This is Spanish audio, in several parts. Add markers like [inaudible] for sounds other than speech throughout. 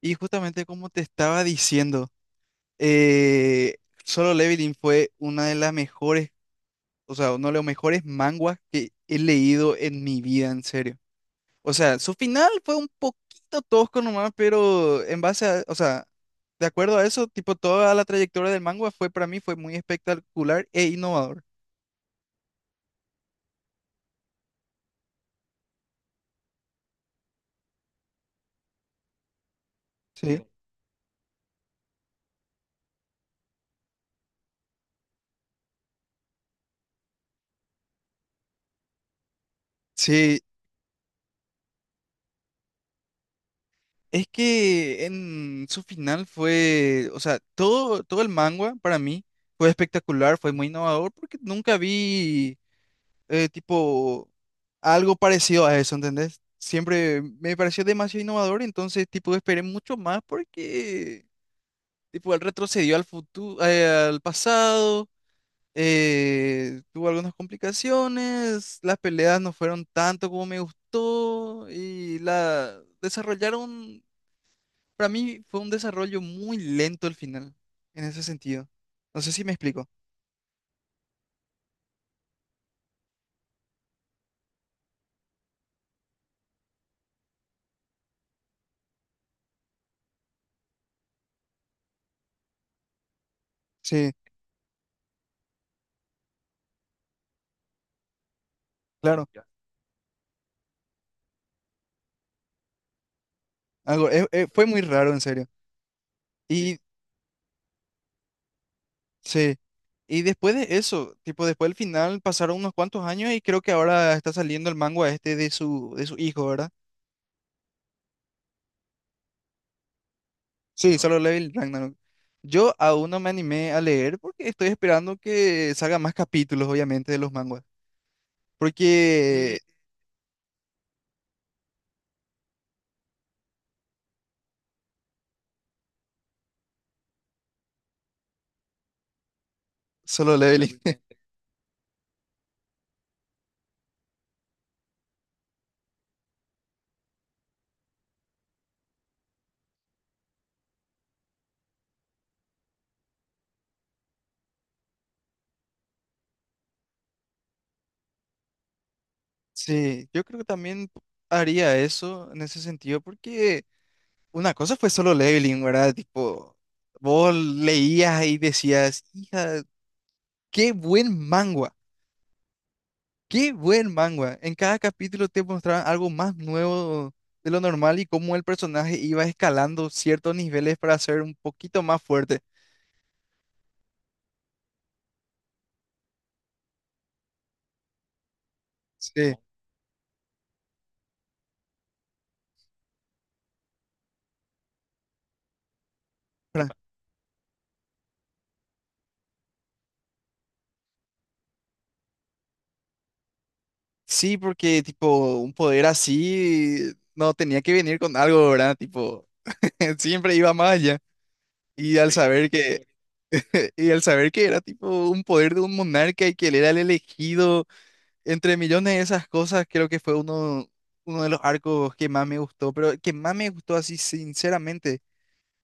Y justamente como te estaba diciendo, eh, Solo Leveling fue una de las mejores, o sea, uno de los mejores manguas que he leído en mi vida, en serio. O sea, su final fue un poquito tosco nomás, pero en base a, o sea, de acuerdo a eso, tipo, toda la trayectoria del manga fue para mí fue muy espectacular e innovador. Sí. Sí. Sí, es que en su final fue, o sea, todo el manga para mí fue espectacular, fue muy innovador porque nunca vi tipo algo parecido a eso, ¿entendés? Siempre me pareció demasiado innovador, entonces tipo esperé mucho más porque tipo él retrocedió al futuro, al pasado, tuvo algunas complicaciones, las peleas no fueron tanto como me gustó y la desarrollaron, para mí fue un desarrollo muy lento el final, en ese sentido. No sé si me explico. Sí, claro. Ya, algo, fue muy raro, en serio. Sí, y sí, y después de eso, tipo, después del final pasaron unos cuantos años y creo que ahora está saliendo el manga este de su hijo, ¿verdad? Sí, Solo Level Ragnarok. Yo aún no me animé a leer porque estoy esperando que salgan más capítulos, obviamente, de los manguas. Porque sí, Solo yo Leveling. [laughs] Sí, yo creo que también haría eso en ese sentido porque... Una cosa fue solo leveling, ¿verdad? Tipo, vos leías y decías, hija, qué buen manga, qué buen manga. En cada capítulo te mostraban algo más nuevo de lo normal y cómo el personaje iba escalando ciertos niveles para ser un poquito más fuerte. Sí. pra- Sí, porque tipo, un poder así no tenía que venir con algo, ¿verdad? Tipo, [laughs] siempre iba más allá. Y al saber que [laughs] Y al saber que era tipo un poder de un monarca y que él era el elegido, entre millones de esas cosas, creo que fue uno de los arcos que más me gustó, pero que más me gustó así sinceramente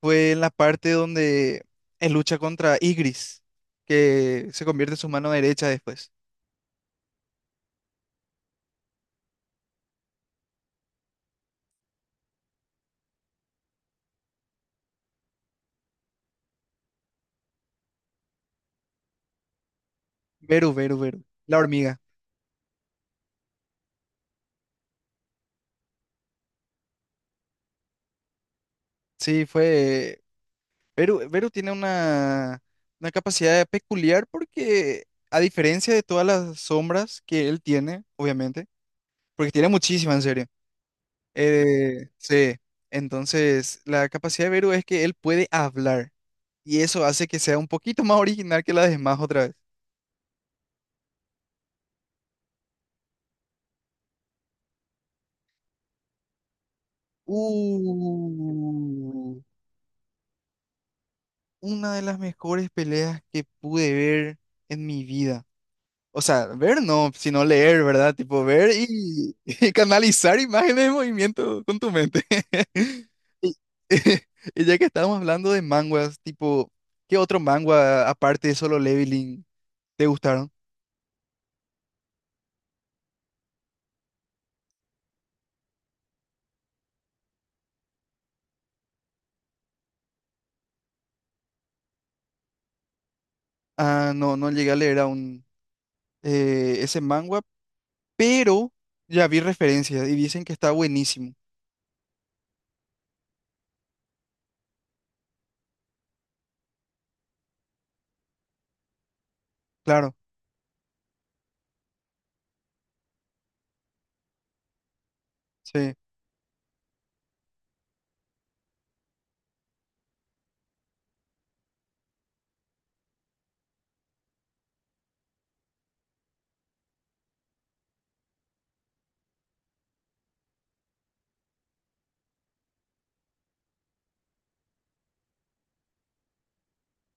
fue en la parte donde él lucha contra Igris, que se convierte en su mano derecha después. Beru, Beru, Beru, la hormiga. Sí, fue... Beru, Beru tiene una capacidad peculiar porque, a diferencia de todas las sombras que él tiene, obviamente, porque tiene muchísima, en serio. Sí, entonces la capacidad de Beru es que él puede hablar y eso hace que sea un poquito más original que la de Smash otra vez. Uh, una de las mejores peleas que pude ver en mi vida. O sea, ver no, sino leer, ¿verdad? Tipo [laughs] y canalizar imágenes de movimiento con tu mente. [laughs] Y, [laughs] y ya que estábamos hablando de manguas, tipo, ¿qué otro manga aparte de Solo Leveling? ¿Te gustaron? Ah, no llegué a leer aún ese manga, pero ya vi referencias y dicen que está buenísimo. Claro, sí,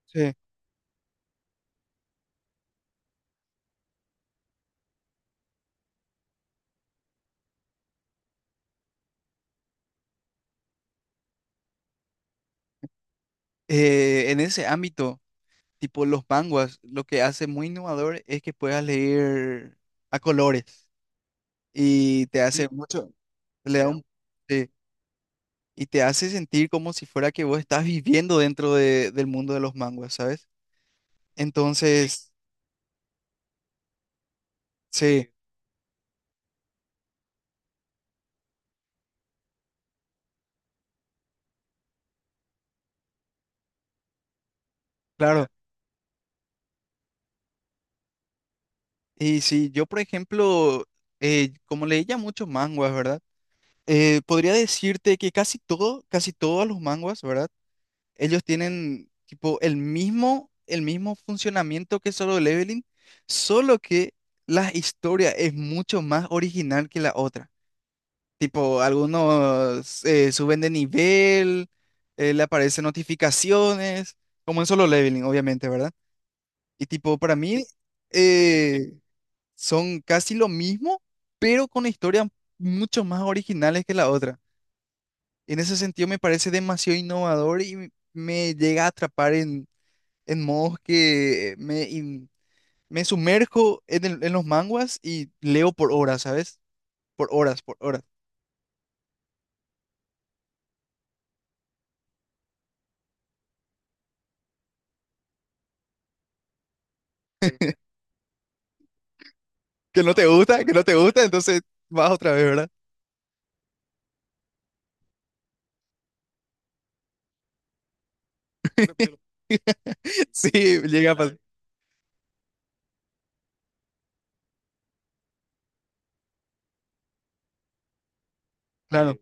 sí. En ese ámbito, tipo los manguas, lo que hace muy innovador es que puedas leer a colores y te hace sí, mucho, le da un, sí, y te hace sentir como si fuera que vos estás viviendo dentro de- del mundo de los manguas, ¿sabes? Entonces, sí, claro. Y si yo, por ejemplo, como leía muchos manguas, ¿verdad? Podría decirte que casi todo, casi todos los manguas, ¿verdad? Ellos tienen tipo el mismo funcionamiento que Solo Leveling, solo que la historia es mucho más original que la otra. Tipo, algunos suben de nivel, le aparecen notificaciones, como en Solo Leveling, obviamente, ¿verdad? Y tipo, para mí, eh, son casi lo mismo, pero con historias mucho más originales que la otra. En ese sentido me parece demasiado innovador y me llega a atrapar en modos que me sumerjo en, en los manguas y leo por horas, ¿sabes? Por horas, por horas. Que no te gusta, que no te gusta, entonces vas otra vez, ¿verdad? [laughs] Sí, llega a pasar. Claro.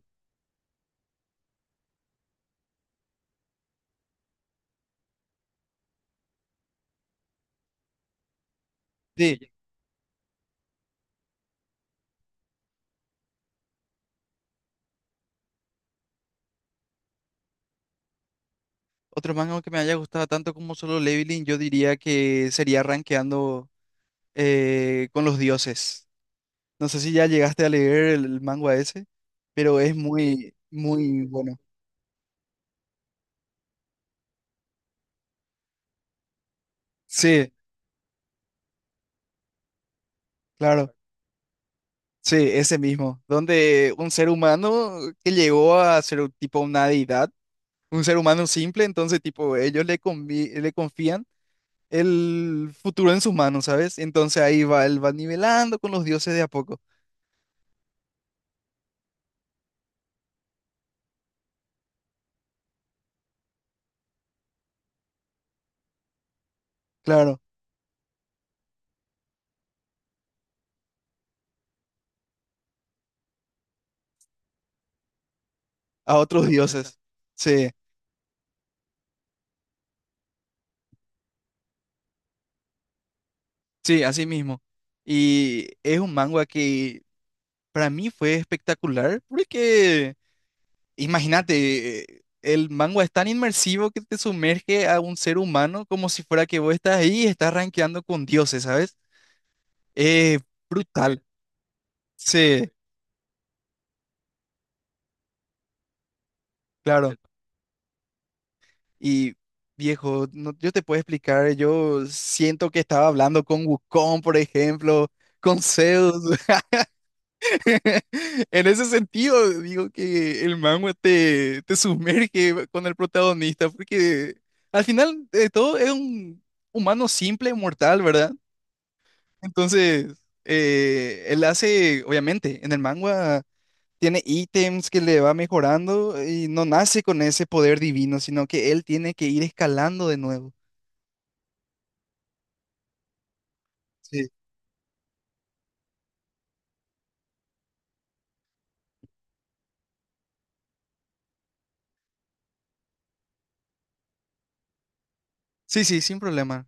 Sí. Otro manga que me haya gustado tanto como Solo Leveling, yo diría que sería Rankeando con los dioses. No sé si ya llegaste a leer el manga ese, pero es muy, muy bueno. Sí, claro, sí, ese mismo, donde un ser humano que llegó a ser un tipo una deidad, un ser humano simple, entonces tipo ellos le confían el futuro en sus manos, ¿sabes? Entonces ahí va, él va nivelando con los dioses de a poco, claro, a otros dioses. Sí, sí, así mismo. Y es un manga que para mí fue espectacular porque... Imagínate, el manga es tan inmersivo que te sumerge a un ser humano como si fuera que vos estás ahí y estás rankeando con dioses, ¿sabes? Eh, brutal. Sí, claro. Y viejo, yo te puedo explicar, yo siento que estaba hablando con Wukong, por ejemplo, con Zeus. [laughs] En ese sentido, digo que el manga te sumerge con el protagonista, porque al final de todo es un humano simple, mortal, ¿verdad? Entonces, él hace, obviamente, en el manga tiene ítems que le va mejorando y no nace con ese poder divino, sino que él tiene que ir escalando de nuevo. Sí. Sí, sí, sin problema.